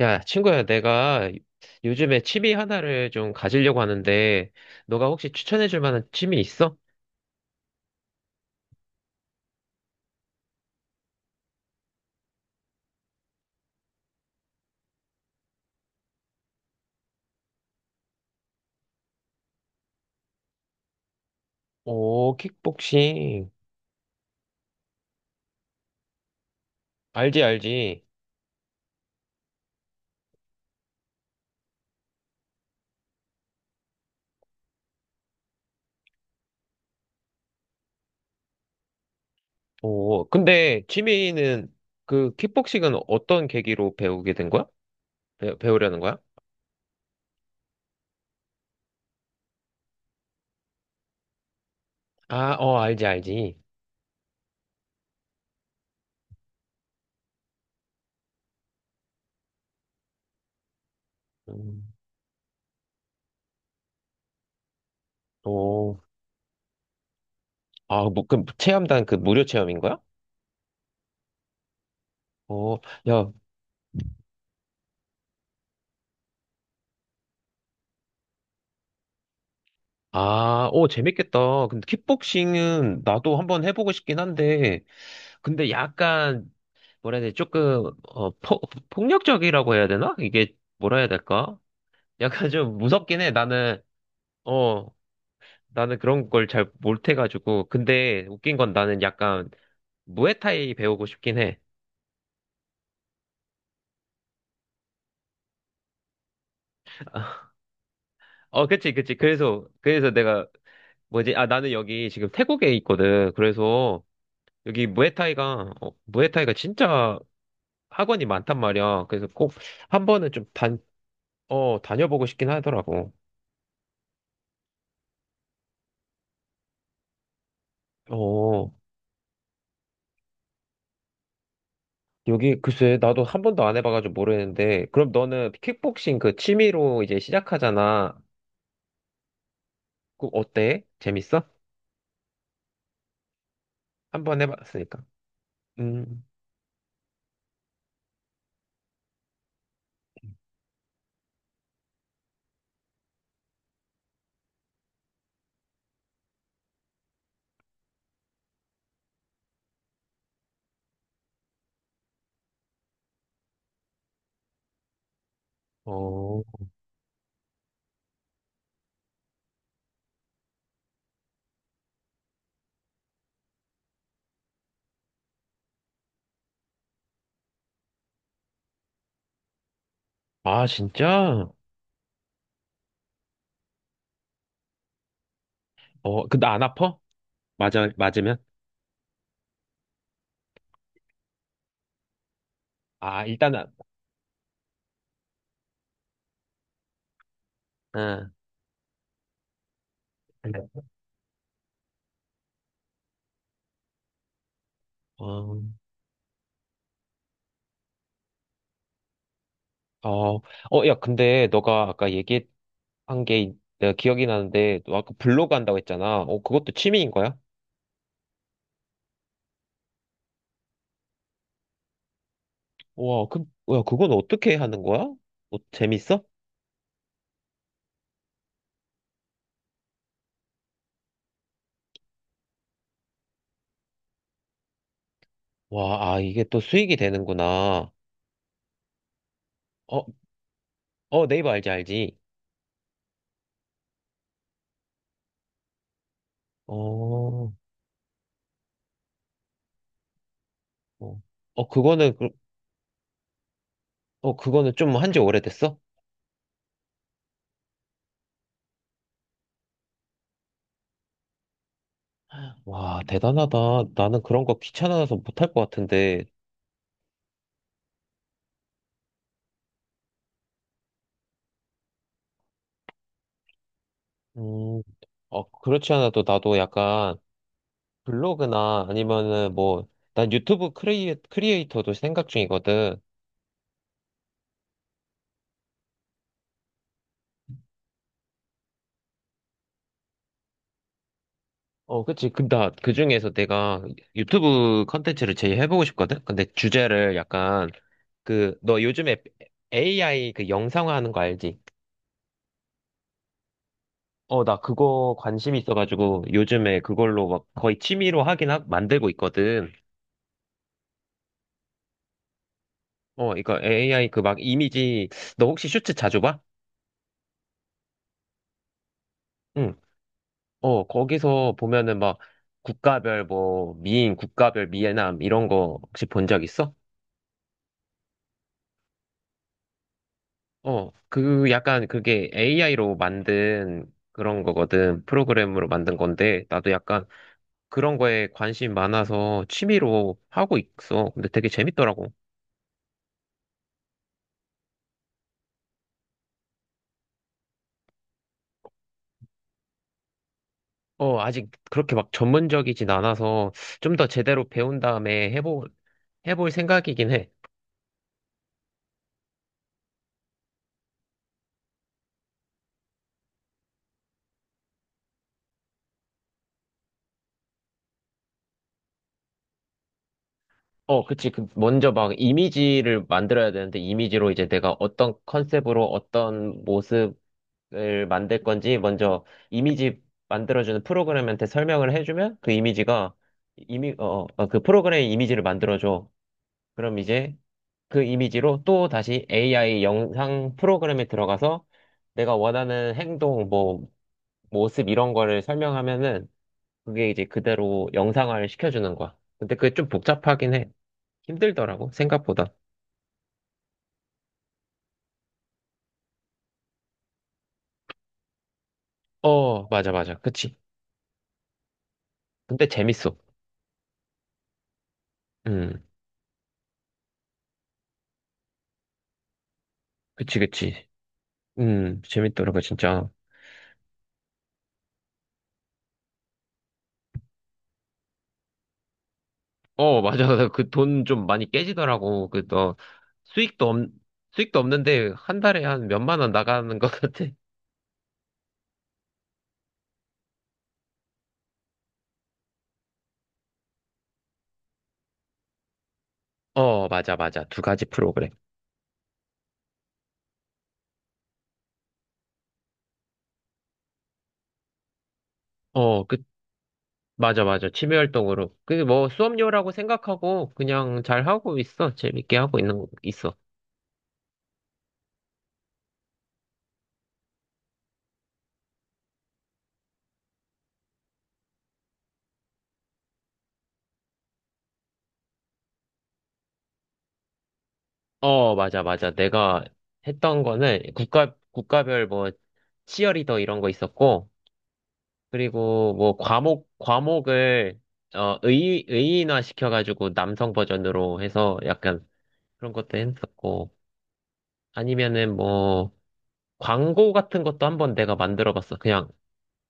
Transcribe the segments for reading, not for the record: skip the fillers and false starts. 야, 친구야, 내가 요즘에 취미 하나를 좀 가지려고 하는데, 너가 혹시 추천해줄 만한 취미 있어? 오, 킥복싱. 알지, 알지. 오, 근데 취미는, 그, 킥복싱은 어떤 계기로 배우게 된 거야? 배우려는 거야? 아, 어, 알지, 알지. 음, 오, 아, 뭐, 그, 체험단 그 무료 체험인 거야? 어, 야, 아, 오, 재밌겠다. 근데 킥복싱은 나도 한번 해보고 싶긴 한데, 근데 약간 뭐라 해야 돼? 조금 폭력적이라고 해야 되나? 이게 뭐라 해야 될까? 약간 좀 무섭긴 해. 나는 어 나는 그런 걸 잘 못해가지고. 근데 웃긴 건 나는 약간 무에타이 배우고 싶긴 해. 어, 그치, 그치. 그래서 내가, 뭐지, 아, 나는 여기 지금 태국에 있거든. 그래서, 여기 무에타이가 진짜 학원이 많단 말이야. 그래서 꼭 한 번은 좀 단, 어, 다녀보고 싶긴 하더라고. 어, 여기 글쎄 나도 한 번도 안 해봐가지고 모르는데 그럼 너는 킥복싱 그 취미로 이제 시작하잖아. 그 어때? 재밌어? 한 번 해봤으니까. 음. 어. 아 진짜? 어. 근데 안 아파? 맞아 맞으면? 아 일단은. 응. 어. 어. 어. 야 근데 너가 아까 얘기한 게 내가 기억이 나는데 너 아까 블로그 한다고 했잖아. 어 그것도 취미인 거야? 와. 그. 야 그건 어떻게 하는 거야? 뭐 재밌어? 와, 아, 이게 또 수익이 되는구나. 어, 어, 네이버 알지, 알지. 어, 어, 어, 어, 그거는 좀 한지 오래됐어? 와, 대단하다. 나는 그런 거 귀찮아서 못할 것 같은데. 음, 어, 그렇지 않아도 나도 약간 블로그나 아니면은 뭐, 난 유튜브 크리에이터도 생각 중이거든. 어, 그치. 그, 나, 그 중에서 내가 유튜브 컨텐츠를 제일 해보고 싶거든? 근데 주제를 약간 그, 너 요즘에 AI 그 영상화하는 거 알지? 어, 나 그거 관심 있어가지고 요즘에 그걸로 막 거의 만들고 있거든. 어, 이거 AI 그 막 이미지, 너 혹시 슈츠 자주 봐? 응. 어, 거기서 보면은 막 국가별 미애남 이런 거 혹시 본 적 있어? 어, 그 약간 그게 AI로 만든 그런 거거든. 프로그램으로 만든 건데 나도 약간 그런 거에 관심 많아서 취미로 하고 있어. 근데 되게 재밌더라고. 어, 아직 그렇게 막 전문적이진 않아서 좀 더 제대로 배운 다음에 해볼 생각이긴 해. 어, 그치. 그 먼저 막 이미지를 만들어야 되는데, 이미지로 이제 내가 어떤 컨셉으로 어떤 모습을 만들 건지 먼저 이미지 만들어주는 프로그램한테 설명을 해주면 그 이미지가, 이미, 어, 어, 어, 그 프로그램 이미지를 만들어줘. 그럼 이제 그 이미지로 또 다시 AI 영상 프로그램에 들어가서 내가 원하는 행동, 뭐, 모습 이런 거를 설명하면은 그게 이제 그대로 영상화를 시켜주는 거야. 근데 그게 좀 복잡하긴 해. 힘들더라고, 생각보다. 어, 맞아, 맞아. 그치. 근데 재밌어. 음, 그치, 그치. 재밌더라고, 진짜. 어, 맞아. 그 돈 좀 많이 깨지더라고. 그, 너, 수익도 없, 수익도 없는데 한 달에 한 몇만 원 나가는 것 같아. 어, 맞아, 맞아. 두 가지 프로그램. 어, 그, 맞아, 맞아. 취미 활동으로. 그, 뭐, 수업료라고 생각하고, 그냥 잘 하고 있어. 재밌게 하고 있는, 거 있어. 어, 맞아, 맞아. 내가 했던 거는 국가별 뭐, 치어리더 이런 거 있었고, 그리고 뭐, 과목을, 의인화 시켜가지고 남성 버전으로 해서 약간 그런 것도 했었고, 아니면은 뭐, 광고 같은 것도 한번 내가 만들어 봤어. 그냥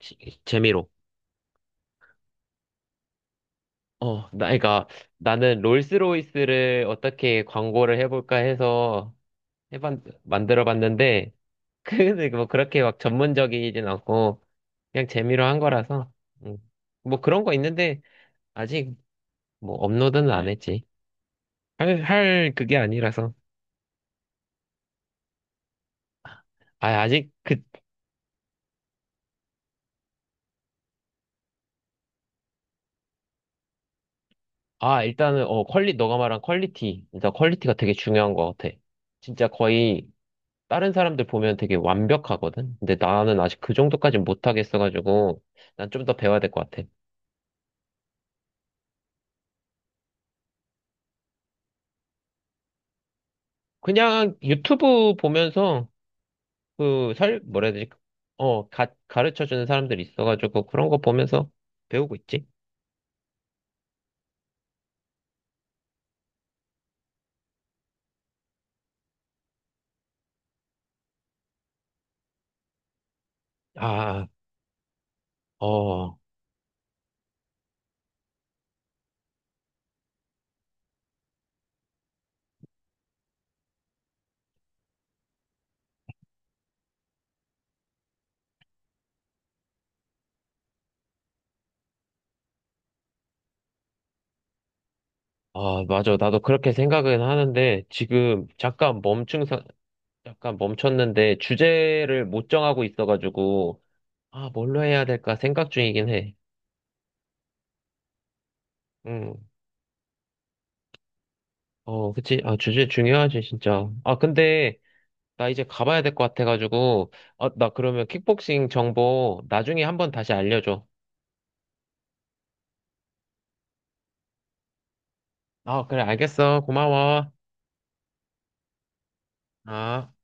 재미로. 어, 나, 그러니까 나는 롤스로이스를 어떻게 광고를 해볼까 해서 만들어 봤는데, 근데 뭐 그렇게 막 전문적이진 않고, 그냥 재미로 한 거라서, 음. 뭐 그런 거 있는데, 아직 뭐 업로드는 안 했지. 할 그게 아니라서. 아, 아직 그, 아, 일단은, 어, 너가 말한 퀄리티. 일단 퀄리티가 되게 중요한 것 같아. 진짜 거의 다른 사람들 보면 되게 완벽하거든? 근데 나는 아직 그 정도까는 못하겠어가지고, 난 좀 더 배워야 될 것 같아. 그냥 유튜브 보면서, 뭐라 해야 되지? 어, 가르쳐주는 사람들이 있어가지고, 그런 거 보면서 배우고 있지? 아, 어, 아, 맞아. 나도 그렇게 생각은 하는데, 지금 잠깐 멈춘, 사- 잠깐 멈췄는데, 주제를 못 정하고 있어가지고, 아, 뭘로 해야 될까 생각 중이긴 해. 음. 어, 그치. 아, 주제 중요하지, 진짜. 아, 근데, 나 이제 가봐야 될 것 같아가지고, 어, 나 그러면 킥복싱 정보 나중에 한번 다시 알려줘. 아, 그래, 알겠어. 고마워. 아.